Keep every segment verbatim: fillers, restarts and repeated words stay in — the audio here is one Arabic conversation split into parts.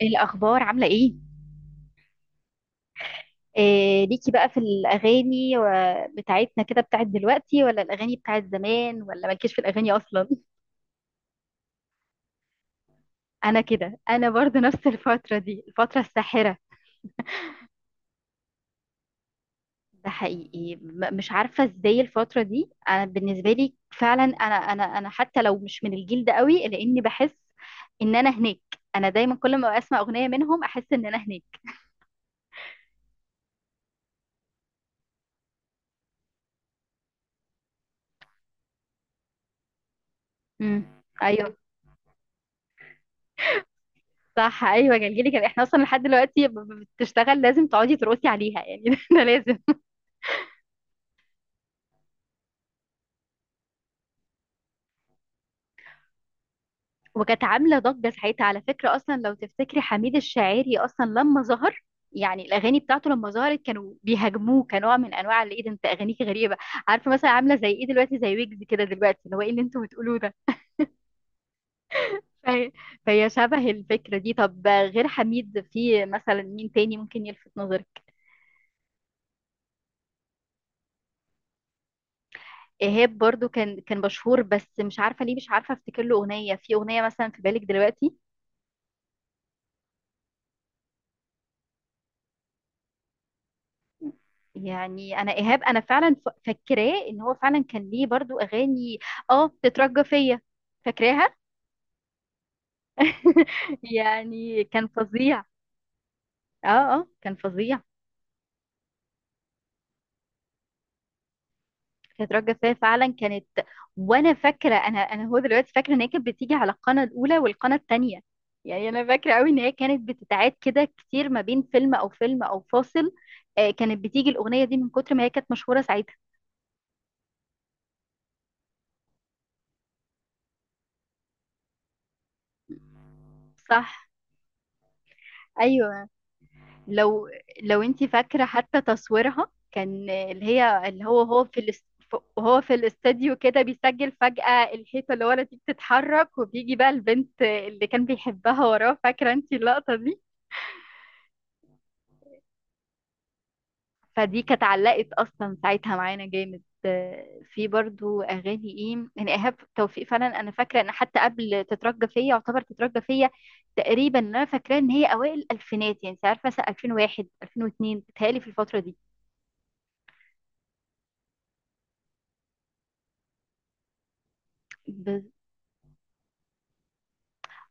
إيه الأخبار عاملة إيه؟ إيه ليكي بقى في الأغاني و- بتاعتنا كده بتاعت دلوقتي ولا الأغاني بتاعت زمان ولا مالكيش في الأغاني أصلا؟ أنا كده أنا برضو نفس الفترة دي الفترة الساحرة. ده حقيقي، م- مش عارفة إزاي الفترة دي. أنا بالنسبة لي فعلا أنا أنا أنا حتى لو مش من الجيل ده قوي لأني بحس إن أنا هناك. أنا دايما كل ما أسمع أغنية منهم أحس إن أنا هناك. امم أيوه. صح، ايوه، جلجلي كان احنا اصلا لحد دلوقتي ب- ب- بتشتغل لازم تقعدي ترقصي عليها يعني. ده لازم. وكانت عامله ضجه ساعتها على فكره، اصلا لو تفتكري حميد الشاعري اصلا لما ظهر، يعني الاغاني بتاعته لما ظهرت كانوا بيهاجموه كنوع من انواع اللي ايه ده، انت اغانيك غريبه. عارفه، مثلا عامله زي ايه دلوقتي، زي ويجز كده دلوقتي، اللي هو ايه اللي انتوا بتقولوه ده. فهي فهي شبه الفكره دي. طب غير حميد، في مثلا مين تاني ممكن يلفت نظرك؟ ايهاب برضو كان كان مشهور بس مش عارفه ليه، مش عارفه افتكر له اغنيه، في اغنيه مثلا في بالك دلوقتي؟ يعني انا ايهاب انا فعلا ف- فاكراه ان هو فعلا كان ليه برضو اغاني. اه، تترجى فيا. فاكراها. يعني كان فظيع. اه. اه، كان فظيع. تترجى فيا فعلا كانت. وانا فاكره، انا انا هو دلوقتي فاكره ان هي كانت بتيجي على القناه الاولى والقناه الثانيه. يعني انا فاكره قوي ان هي كانت بتتعاد كده كتير ما بين فيلم او فيلم او فاصل. آه، كانت بتيجي الاغنيه دي من كتر ما هي كانت مشهوره ساعتها. صح، ايوه. لو لو انت فاكره حتى تصويرها كان اللي هي اللي هو هو في الاس- ف- وهو في الاستديو كده بيسجل، فجأة الحيطة اللي ورا دي بتتحرك وبيجي بقى البنت اللي كان بيحبها وراه، فاكرة انت اللقطة دي؟ فدي كانت علقت اصلا ساعتها معانا جامد. آه، في برضو اغاني ايه يعني ايهاب توفيق. فعلا انا فاكره ان حتى قبل تترجى فيا، يعتبر تترجى فيا تقريبا، انا فاكراه ان هي اوائل الالفينات يعني. انت عارفه، مثلا ألفين وواحد ألفين واتنين بتهيألي في الفتره دي. بس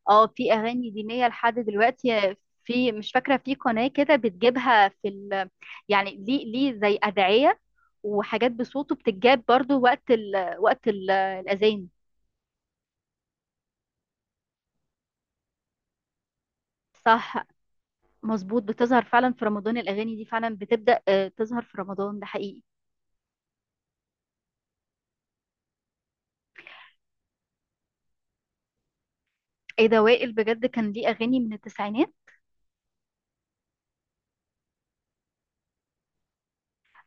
اه، في اغاني دينيه لحد دلوقتي. في، مش فاكره، في قناه كده بتجيبها في ال، يعني ليه ليه زي ادعيه وحاجات بصوته بتتجاب برضو وقت ال وقت ال الاذان. صح. مظبوط، بتظهر فعلا في رمضان، الاغاني دي فعلا بتبدا آه، تظهر في رمضان. ده حقيقي. ايه ده، وائل بجد كان ليه اغاني من التسعينات؟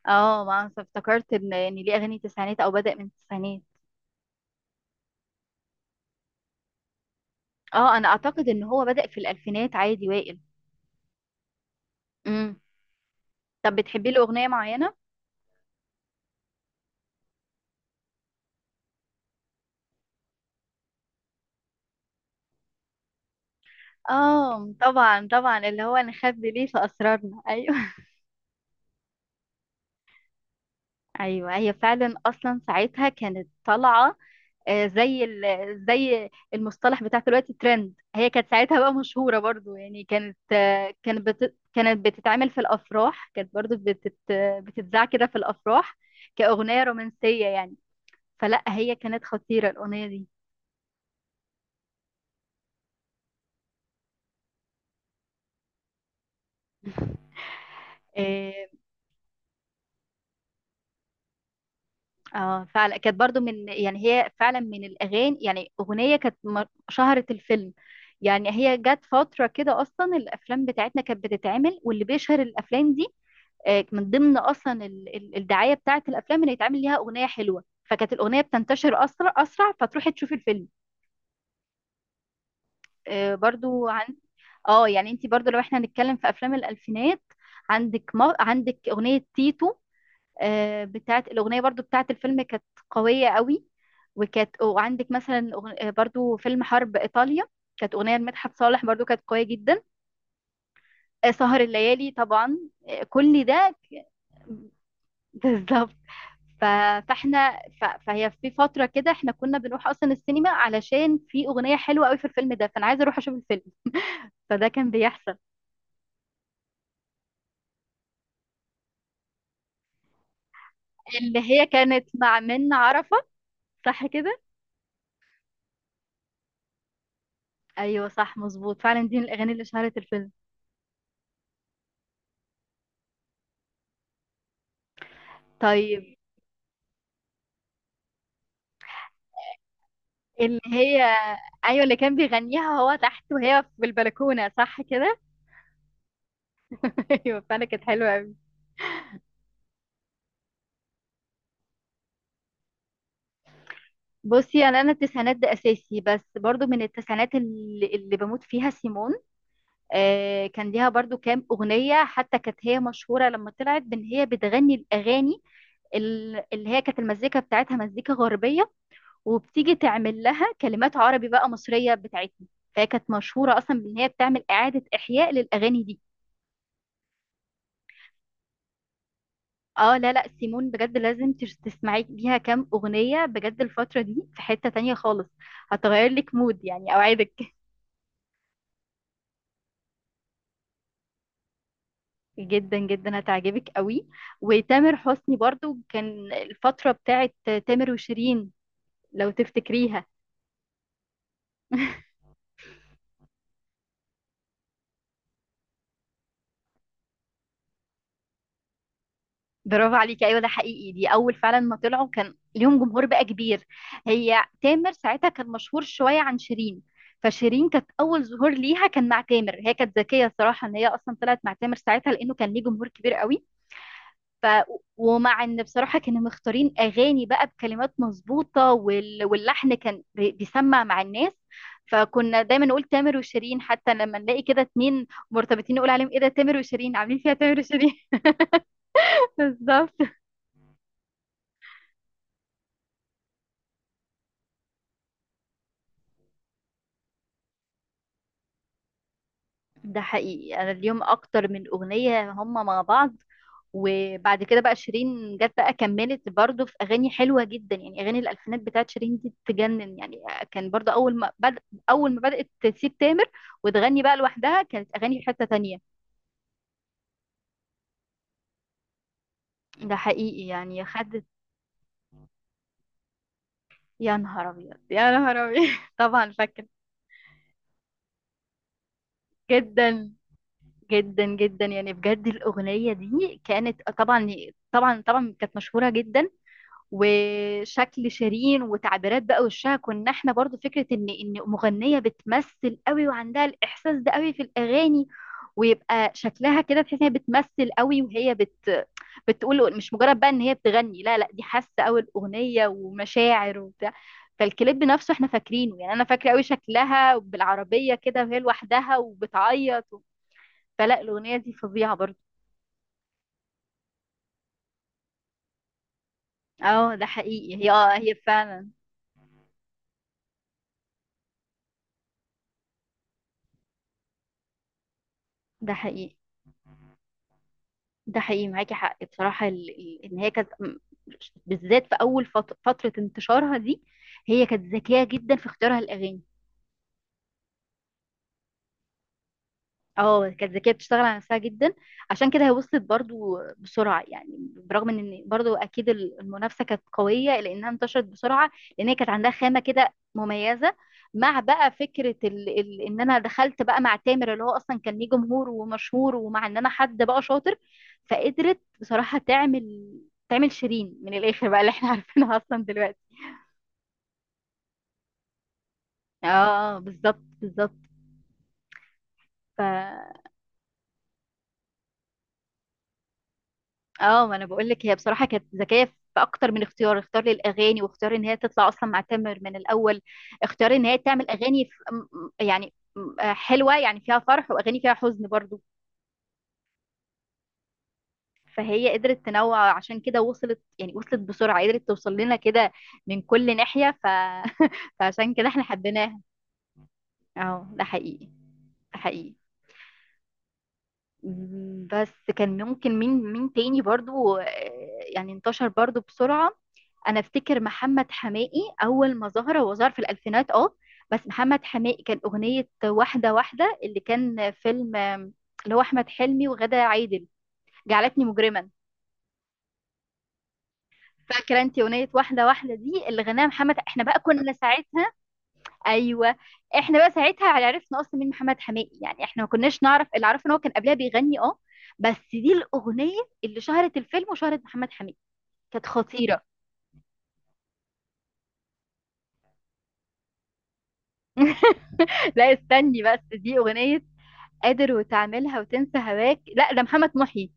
اه، ما أنا افتكرت ان ان ليه اغاني تسعينات او بدا من التسعينات. اه، انا اعتقد ان هو بدا في الالفينات عادي وائل. امم طب بتحبي له اغنيه معينه؟ اه طبعا، طبعا اللي هو نخبي ليه في اسرارنا، ايوه. ايوه، هي فعلا اصلا ساعتها كانت طالعه آه، زي ال- زي المصطلح بتاع دلوقتي ترند. هي كانت ساعتها بقى مشهوره برضو يعني، كانت آه، كانت بت كانت بتتعمل في الافراح، كانت برضو بتت بتتذاع كده في الافراح كاغنيه رومانسيه يعني. فلا هي كانت خطيره الاغنيه دي. آه، اه فعلا كانت برضو من، يعني هي فعلا من الاغاني، يعني اغنيه كانت م- شهرت الفيلم. يعني هي جت فتره كده اصلا الافلام بتاعتنا كانت بتتعمل واللي بيشهر الافلام دي آه، من ضمن اصلا ال- ال- الدعايه بتاعت الافلام ان يتعمل ليها اغنيه حلوه، فكانت الاغنيه بتنتشر اسرع اسرع فتروحي تشوفي الفيلم. آه، برضو عن، اه يعني انت برضو لو احنا هنتكلم في افلام الالفينات، عندك ما... عندك اغنيه تيتو، آه، بتاعت الأغنية برضو بتاعت الفيلم كانت قوية قوي. وكانت وعندك مثلا أغن- آه، برضو فيلم حرب إيطاليا، كانت أغنية لمدحت صالح برضو كانت قوية جدا. آه، سهر الليالي طبعا. آه، كل ده. بالظبط. ف- فاحنا ف- فهي في فترة كده، احنا كنا بنروح أصلا السينما علشان في أغنية حلوة قوي في الفيلم ده، فأنا عايزة أروح أشوف الفيلم. فده كان بيحصل. اللي هي كانت مع منة عرفة، صح كده؟ أيوه، صح، مظبوط، فعلا دي من الأغاني اللي شهرت الفيلم. طيب. اللي هي ايوه، اللي كان بيغنيها هو تحت وهي في البلكونه، صح كده؟ ايوه، فانا كانت حلوه قوي. بصي، انا انا التسعينات ده اساسي، بس برضو من التسعينات اللي, اللي بموت فيها سيمون. آه، كان ليها برضو كام اغنيه، حتى كانت هي مشهوره لما طلعت بان هي بتغني الاغاني ال- اللي هي كانت المزيكا بتاعتها مزيكا غربيه، وبتيجي تعمل لها كلمات عربي بقى مصريه بتاعتنا، فهي كانت مشهوره اصلا بان هي بتعمل اعاده احياء للاغاني دي. اه، لا لا، سيمون بجد لازم تش- تسمعي ليها كام اغنيه بجد. الفتره دي في حته تانية خالص، هتغير لك مود يعني اوعدك. جدا جدا هتعجبك قوي. وتامر حسني برضو كان الفتره بتاعت تامر وشيرين، لو تفتكريها. برافو عليكي. ايوه ده حقيقي، دي اول فعلا ما طلعوا كان ليهم جمهور بقى كبير. هي تامر ساعتها كان مشهور شويه عن شيرين، فشيرين كانت اول ظهور ليها كان مع تامر. هي كانت ذكيه الصراحه ان هي اصلا طلعت مع تامر ساعتها، لانه كان ليه جمهور كبير قوي. ف ومع ان بصراحه كانوا مختارين اغاني بقى بكلمات مظبوطه وال... واللحن كان بي- بيسمع مع الناس، فكنا دايما نقول تامر وشيرين، حتى لما نلاقي كده اتنين مرتبطين نقول عليهم ايه ده، تامر وشيرين، عاملين فيها تامر وشيرين. بالظبط. ده حقيقي، انا اليوم اكتر من اغنيه هم مع بعض. وبعد كده بقى شيرين جت بقى كملت برضو في اغاني حلوه جدا، يعني اغاني الالفينات بتاعت شيرين دي تجنن يعني. كان برضو اول ما بد... اول ما بدات تسيب تامر وتغني بقى لوحدها كانت اغاني في حته تانية. ده حقيقي، يعني خدت. يا نهار ابيض، يا نهار ابيض! طبعا فاكر. جدا جدا جدا، يعني بجد الاغنيه دي كانت طبعا، طبعا طبعا كانت مشهوره جدا. وشكل شيرين وتعبيرات بقى وشها، كنا احنا برضو فكرة ان ان مغنية بتمثل قوي وعندها الاحساس ده قوي في الاغاني، ويبقى شكلها كده تحس ان هي بتمثل قوي وهي بت بتقول، مش مجرد بقى ان هي بتغني، لا لا، دي حاسة قوي الاغنية ومشاعر وبتاع. فالكليب نفسه احنا فاكرينه، يعني انا فاكرة قوي شكلها بالعربية كده وهي لوحدها وبتعيط و... فلا الاغنية دي فظيعة برضو. اه ده حقيقي، هي اه هي فعلا. ده حقيقي. ده حقيقي معاكي حق بصراحة، ال... ال- ان هي كانت م- بالذات في اول فت- فترة انتشارها دي، هي كانت ذكية جدا في اختيارها الاغاني. اه، كانت ذكيه بتشتغل على نفسها جدا، عشان كده هي وصلت برضو بسرعه يعني، برغم ان برضو اكيد المنافسه كانت قويه لانها انتشرت بسرعه، لان هي كانت عندها خامه كده مميزه، مع بقى فكره ال... ال... ان انا دخلت بقى مع تامر اللي هو اصلا كان ليه جمهور ومشهور، ومع ان انا حد بقى شاطر، فقدرت بصراحه تعمل تعمل شيرين من الاخر بقى اللي احنا عارفينها اصلا دلوقتي. اه بالظبط، بالظبط. ف اه ما انا بقول لك هي بصراحه كانت ذكيه في اكتر من اختيار اختيار للاغاني، واختيار ان هي تطلع اصلا مع تامر من الاول، اختيار ان هي تعمل اغاني في م- يعني م- آه، حلوه، يعني فيها فرح واغاني فيها حزن برضو. فهي قدرت تنوع، عشان كده وصلت، يعني وصلت بسرعه، قدرت توصل لنا كده من كل ناحيه ف... فعشان كده احنا حبيناها. اه ده حقيقي. ده حقيقي. بس كان ممكن مين مين تاني برضو، آه، يعني انتشر برضو بسرعة. انا افتكر محمد حماقي اول ما ظهر هو ظهر في الالفينات اه، بس محمد حماقي كان اغنية واحدة واحدة اللي كان فيلم آم، اللي هو احمد حلمي وغادة عادل، جعلتني مجرما. فاكرة انت اغنية واحدة واحدة دي اللي غناها محمد؟ احنا بقى كنا ساعتها. ايوه. احنا بقى ساعتها عرفنا اصلا مين محمد حماقي يعني، احنا ما كناش نعرف، اللي عرفنا ان هو كان قبلها بيغني اه، بس دي الاغنيه اللي شهرت الفيلم وشهرت محمد حماقي، كانت خطيره. لا استني بس، دي اغنيه قادر وتعملها وتنسى هواك، لا ده محمد محي.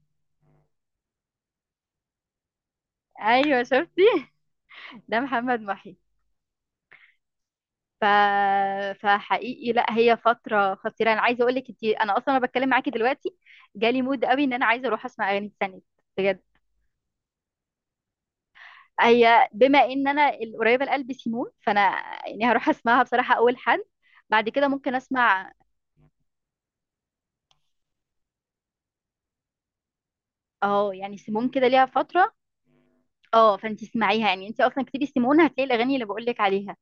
ايوه شفتي. ده محمد محي. ف... فحقيقي لا، هي فتره خطيره. انا عايزه اقول لك انت، انا اصلا انا بتكلم معاكي دلوقتي جالي مود قوي ان انا عايزه اروح اسمع اغاني تانية بجد. هي بما ان انا القريبه لقلبي سيمون، فانا يعني هروح اسمعها بصراحه اول حد، بعد كده ممكن اسمع. اه يعني سيمون كده ليها فتره، اه فانت اسمعيها، يعني انت اصلا كتير سيمون، هتلاقي الاغاني اللي بقول لك عليها.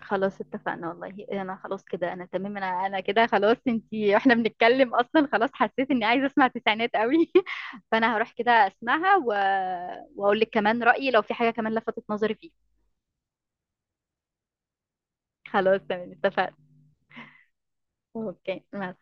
خلاص اتفقنا، والله انا خلاص كده انا تمام، انا انا كده خلاص انت. احنا بنتكلم اصلا خلاص حسيت اني عايزه اسمع تسعينات قوي. فانا هروح كده اسمعها و... واقول لك كمان رايي لو في حاجه كمان لفتت نظري فيه. خلاص تمام اتفقنا. اوكي مع